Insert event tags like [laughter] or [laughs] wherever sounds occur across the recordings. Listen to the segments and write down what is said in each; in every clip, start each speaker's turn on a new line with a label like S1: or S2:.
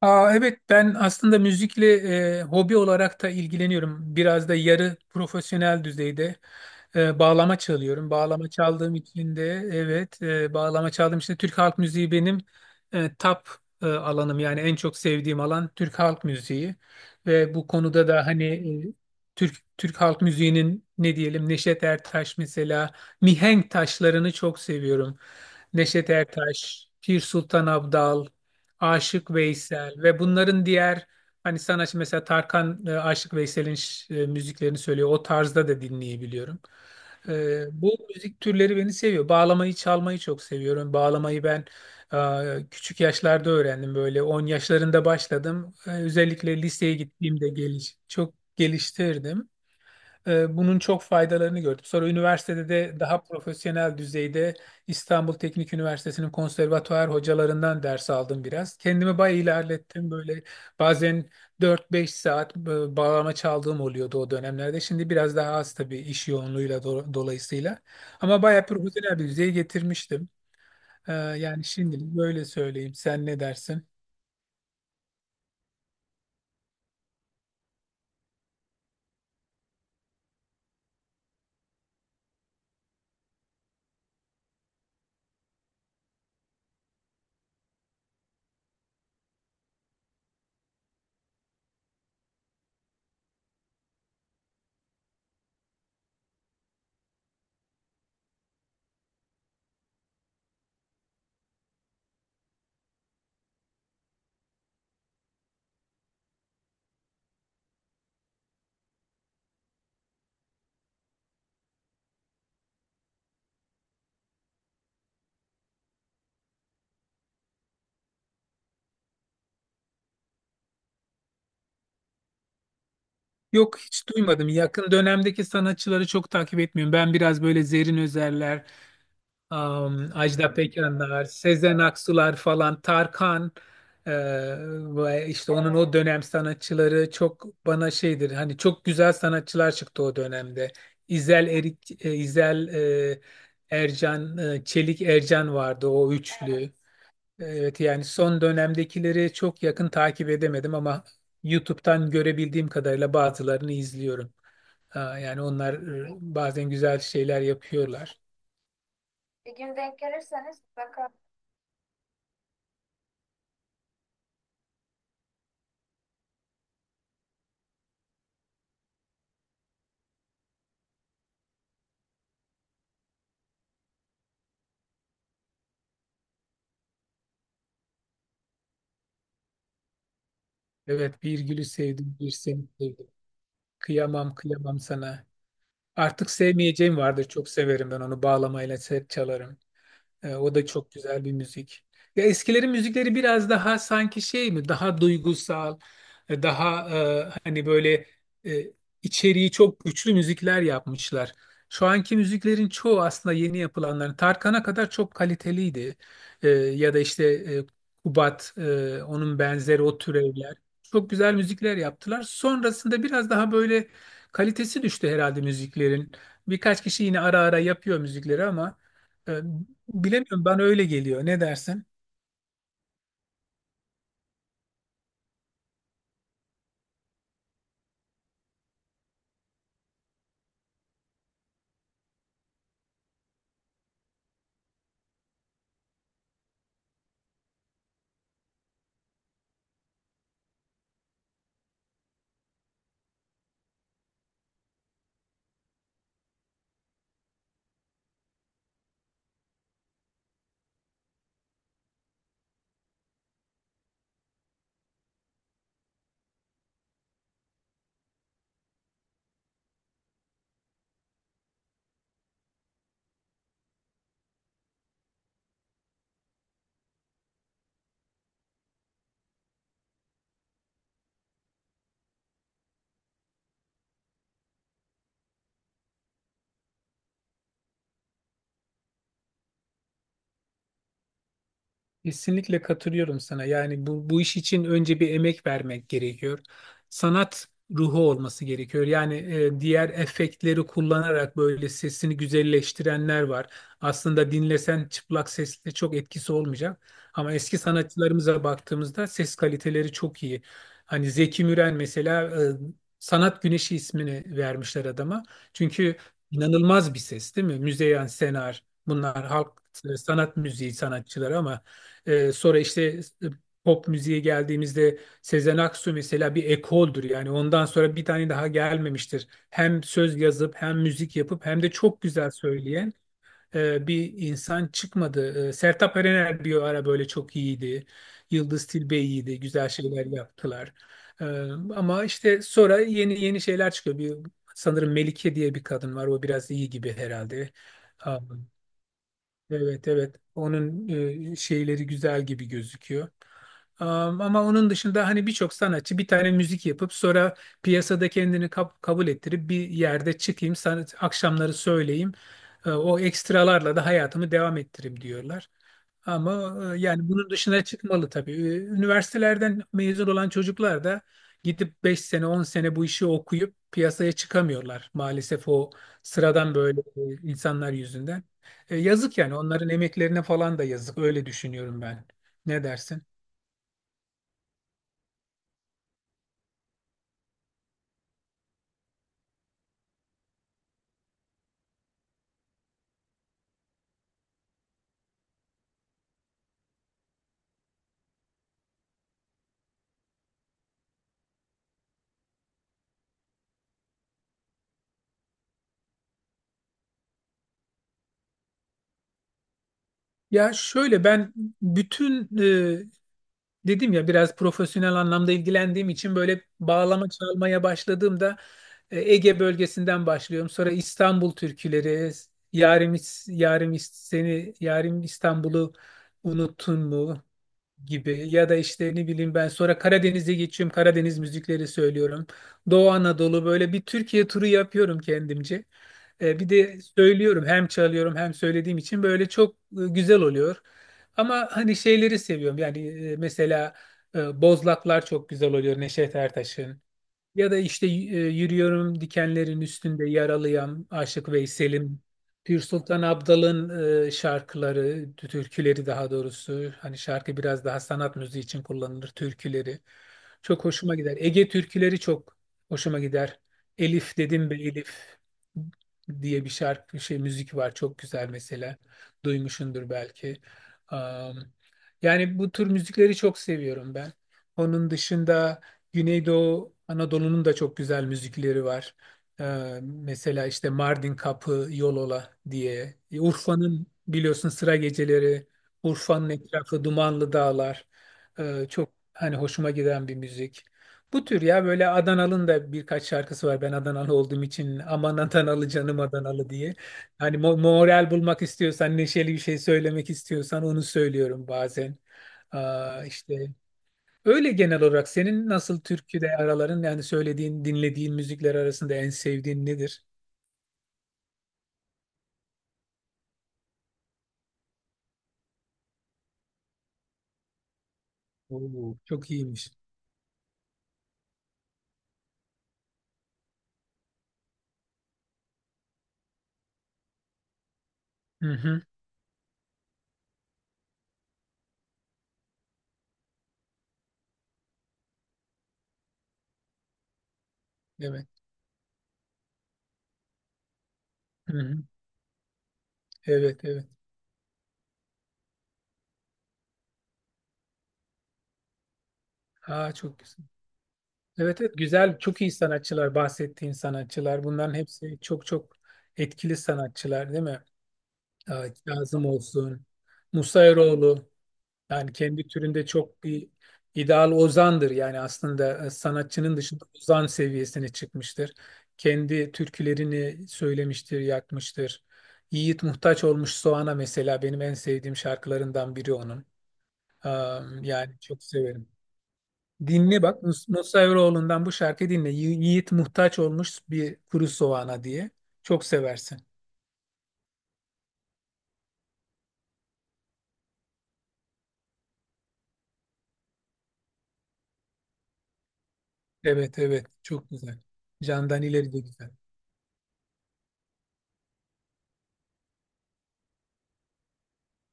S1: Evet ben aslında müzikle hobi olarak da ilgileniyorum. Biraz da yarı profesyonel düzeyde bağlama çalıyorum. Bağlama çaldığım için de Türk halk müziği benim e, top alanım. Yani en çok sevdiğim alan Türk halk müziği. Ve bu konuda da hani e, Türk halk müziğinin ne diyelim, Neşet Ertaş mesela, mihenk taşlarını çok seviyorum. Neşet Ertaş, Pir Sultan Abdal, Aşık Veysel ve bunların diğer hani sanatçı, mesela Tarkan Aşık Veysel'in müziklerini söylüyor. O tarzda da dinleyebiliyorum. Bu müzik türleri beni seviyor. Bağlamayı çalmayı çok seviyorum. Bağlamayı ben küçük yaşlarda öğrendim. Böyle 10 yaşlarında başladım. Özellikle liseye gittiğimde çok geliştirdim. Bunun çok faydalarını gördüm. Sonra üniversitede de daha profesyonel düzeyde İstanbul Teknik Üniversitesi'nin konservatuar hocalarından ders aldım biraz. Kendimi bayağı ilerlettim. Böyle bazen 4-5 saat bağlama çaldığım oluyordu o dönemlerde. Şimdi biraz daha az tabii iş yoğunluğuyla dolayısıyla. Ama bayağı profesyonel bir düzeye getirmiştim. Yani şimdilik böyle söyleyeyim. Sen ne dersin? Yok, hiç duymadım. Yakın dönemdeki sanatçıları çok takip etmiyorum. Ben biraz böyle Zerrin Özerler, Ajda Pekanlar, Sezen Aksular falan, Tarkan e, ve işte onun o dönem sanatçıları çok bana şeydir. Hani çok güzel sanatçılar çıktı o dönemde. İzel Erik, İzel e, Ercan, Çelik Ercan vardı o üçlü. Evet, yani son dönemdekileri çok yakın takip edemedim ama YouTube'dan görebildiğim kadarıyla bazılarını izliyorum. Ha, Yani onlar bazen güzel şeyler yapıyorlar. Evet, bir gülü sevdim bir seni sevdim. Kıyamam, kıyamam sana. Artık sevmeyeceğim vardır, çok severim ben onu bağlamayla çalarım. O da çok güzel bir müzik. Ya eskilerin müzikleri biraz daha sanki şey mi? Daha duygusal, daha hani böyle e, içeriği çok güçlü müzikler yapmışlar. Şu anki müziklerin çoğu, aslında yeni yapılanların, Tarkan'a kadar çok kaliteliydi. Ya da işte Kubat, onun benzeri o türevler. Çok güzel müzikler yaptılar. Sonrasında biraz daha böyle kalitesi düştü herhalde müziklerin. Birkaç kişi yine ara ara yapıyor müzikleri ama e, bilemiyorum, ben öyle geliyor. Ne dersin? Kesinlikle katılıyorum sana. Yani bu iş için önce bir emek vermek gerekiyor. Sanat ruhu olması gerekiyor. Yani diğer efektleri kullanarak böyle sesini güzelleştirenler var. Aslında dinlesen çıplak sesle çok etkisi olmayacak. Ama eski sanatçılarımıza baktığımızda ses kaliteleri çok iyi. Hani Zeki Müren mesela, Sanat Güneşi ismini vermişler adama. Çünkü inanılmaz bir ses, değil mi? Müzeyyen Senar, bunlar halk sanat müziği sanatçıları ama sonra işte e, pop müziğe geldiğimizde Sezen Aksu mesela bir ekoldur, yani ondan sonra bir tane daha gelmemiştir. Hem söz yazıp hem müzik yapıp hem de çok güzel söyleyen bir insan çıkmadı. Sertab Erener bir ara böyle çok iyiydi. Yıldız Tilbe iyiydi. Güzel şeyler yaptılar. E, Ama işte sonra yeni yeni şeyler çıkıyor. Sanırım Melike diye bir kadın var. O biraz iyi gibi herhalde. Evet, evet, onun şeyleri güzel gibi gözüküyor. Ama onun dışında hani birçok sanatçı bir tane müzik yapıp sonra piyasada kendini kabul ettirip, bir yerde çıkayım, sanat akşamları söyleyeyim, o ekstralarla da hayatımı devam ettireyim diyorlar. Ama yani bunun dışına çıkmalı tabii. Üniversitelerden mezun olan çocuklar da gidip 5 sene, 10 sene bu işi okuyup piyasaya çıkamıyorlar. Maalesef o sıradan böyle insanlar yüzünden. Yazık yani, onların emeklerine falan da yazık, öyle düşünüyorum ben. Ne dersin? Ya şöyle, ben bütün, dedim ya, biraz profesyonel anlamda ilgilendiğim için, böyle bağlama çalmaya başladığımda Ege bölgesinden başlıyorum. Sonra İstanbul türküleri, Yarim, seni Yarim İstanbul'u unuttun mu gibi, ya da işte ne bileyim ben, sonra Karadeniz'e geçiyorum, Karadeniz müzikleri söylüyorum. Doğu Anadolu, böyle bir Türkiye turu yapıyorum kendimce. Bir de söylüyorum, hem çalıyorum hem söylediğim için böyle çok güzel oluyor. Ama hani şeyleri seviyorum yani, mesela Bozlaklar çok güzel oluyor Neşet Ertaş'ın. Ya da işte yürüyorum dikenlerin üstünde yaralıyam Aşık Veysel'im. Pür Sultan Abdal'ın şarkıları, türküleri daha doğrusu. Hani şarkı biraz daha sanat müziği için kullanılır, türküleri. Çok hoşuma gider. Ege türküleri çok hoşuma gider. Elif dedim be Elif diye bir şarkı, şey, müzik var, çok güzel mesela. Duymuşsundur belki. Am, yani bu tür müzikleri çok seviyorum ben. Onun dışında Güneydoğu Anadolu'nun da çok güzel müzikleri var. Mesela işte Mardin Kapı, Yolola diye. Urfa'nın biliyorsun Sıra Geceleri, Urfa'nın etrafı Dumanlı Dağlar. Çok hani hoşuma giden bir müzik. Bu tür, ya böyle Adanalı'nın da birkaç şarkısı var. Ben Adanalı olduğum için, aman Adanalı canım Adanalı diye. Hani moral bulmak istiyorsan, neşeli bir şey söylemek istiyorsan, onu söylüyorum bazen. İşte öyle. Genel olarak senin nasıl türküde araların, yani söylediğin, dinlediğin müzikler arasında en sevdiğin nedir? Oo, çok iyiymiş. Hı hı. Evet. Hı hı. Evet, evet. Aa, çok güzel. Evet, evet. Güzel, çok iyi sanatçılar, bahsettiğin sanatçılar. Bunların hepsi çok çok etkili sanatçılar, değil mi? Aa, Kazım olsun, Musa Eroğlu. Yani kendi türünde çok bir ideal ozandır. Yani aslında sanatçının dışında ozan seviyesine çıkmıştır. Kendi türkülerini söylemiştir, yakmıştır. Yiğit Muhtaç Olmuş Soğan'a, mesela benim en sevdiğim şarkılarından biri onun. Yani çok severim. Dinle bak, Nusra Evroğlu'ndan bu şarkıyı dinle. Yiğit Muhtaç Olmuş bir Kuru Soğan'a diye. Çok seversin. Evet, evet, çok güzel. Candan ileri de güzel.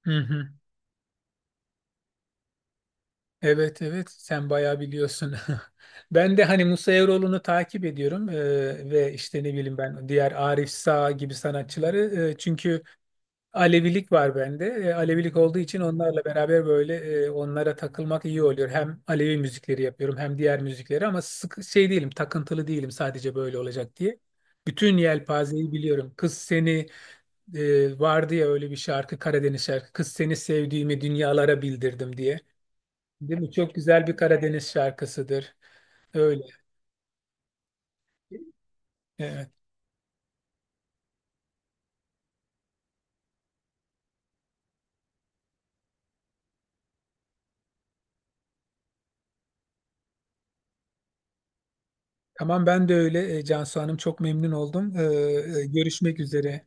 S1: Hı hı. Evet, evet, sen bayağı biliyorsun. [laughs] Ben de hani Musa Eroğlu'nu takip ediyorum, ve işte ne bileyim ben, diğer Arif Sağ gibi sanatçıları, çünkü Alevilik var bende. Alevilik olduğu için onlarla beraber böyle, onlara takılmak iyi oluyor. Hem Alevi müzikleri yapıyorum hem diğer müzikleri, ama sık şey değilim, takıntılı değilim, sadece böyle olacak diye. Bütün yelpazeyi biliyorum. Kız seni, vardı ya öyle bir şarkı, Karadeniz şarkı. Kız seni sevdiğimi dünyalara bildirdim diye. Değil mi? Çok güzel bir Karadeniz şarkısıdır. Öyle. Evet. Tamam, ben de öyle. Cansu Hanım, çok memnun oldum. Görüşmek üzere.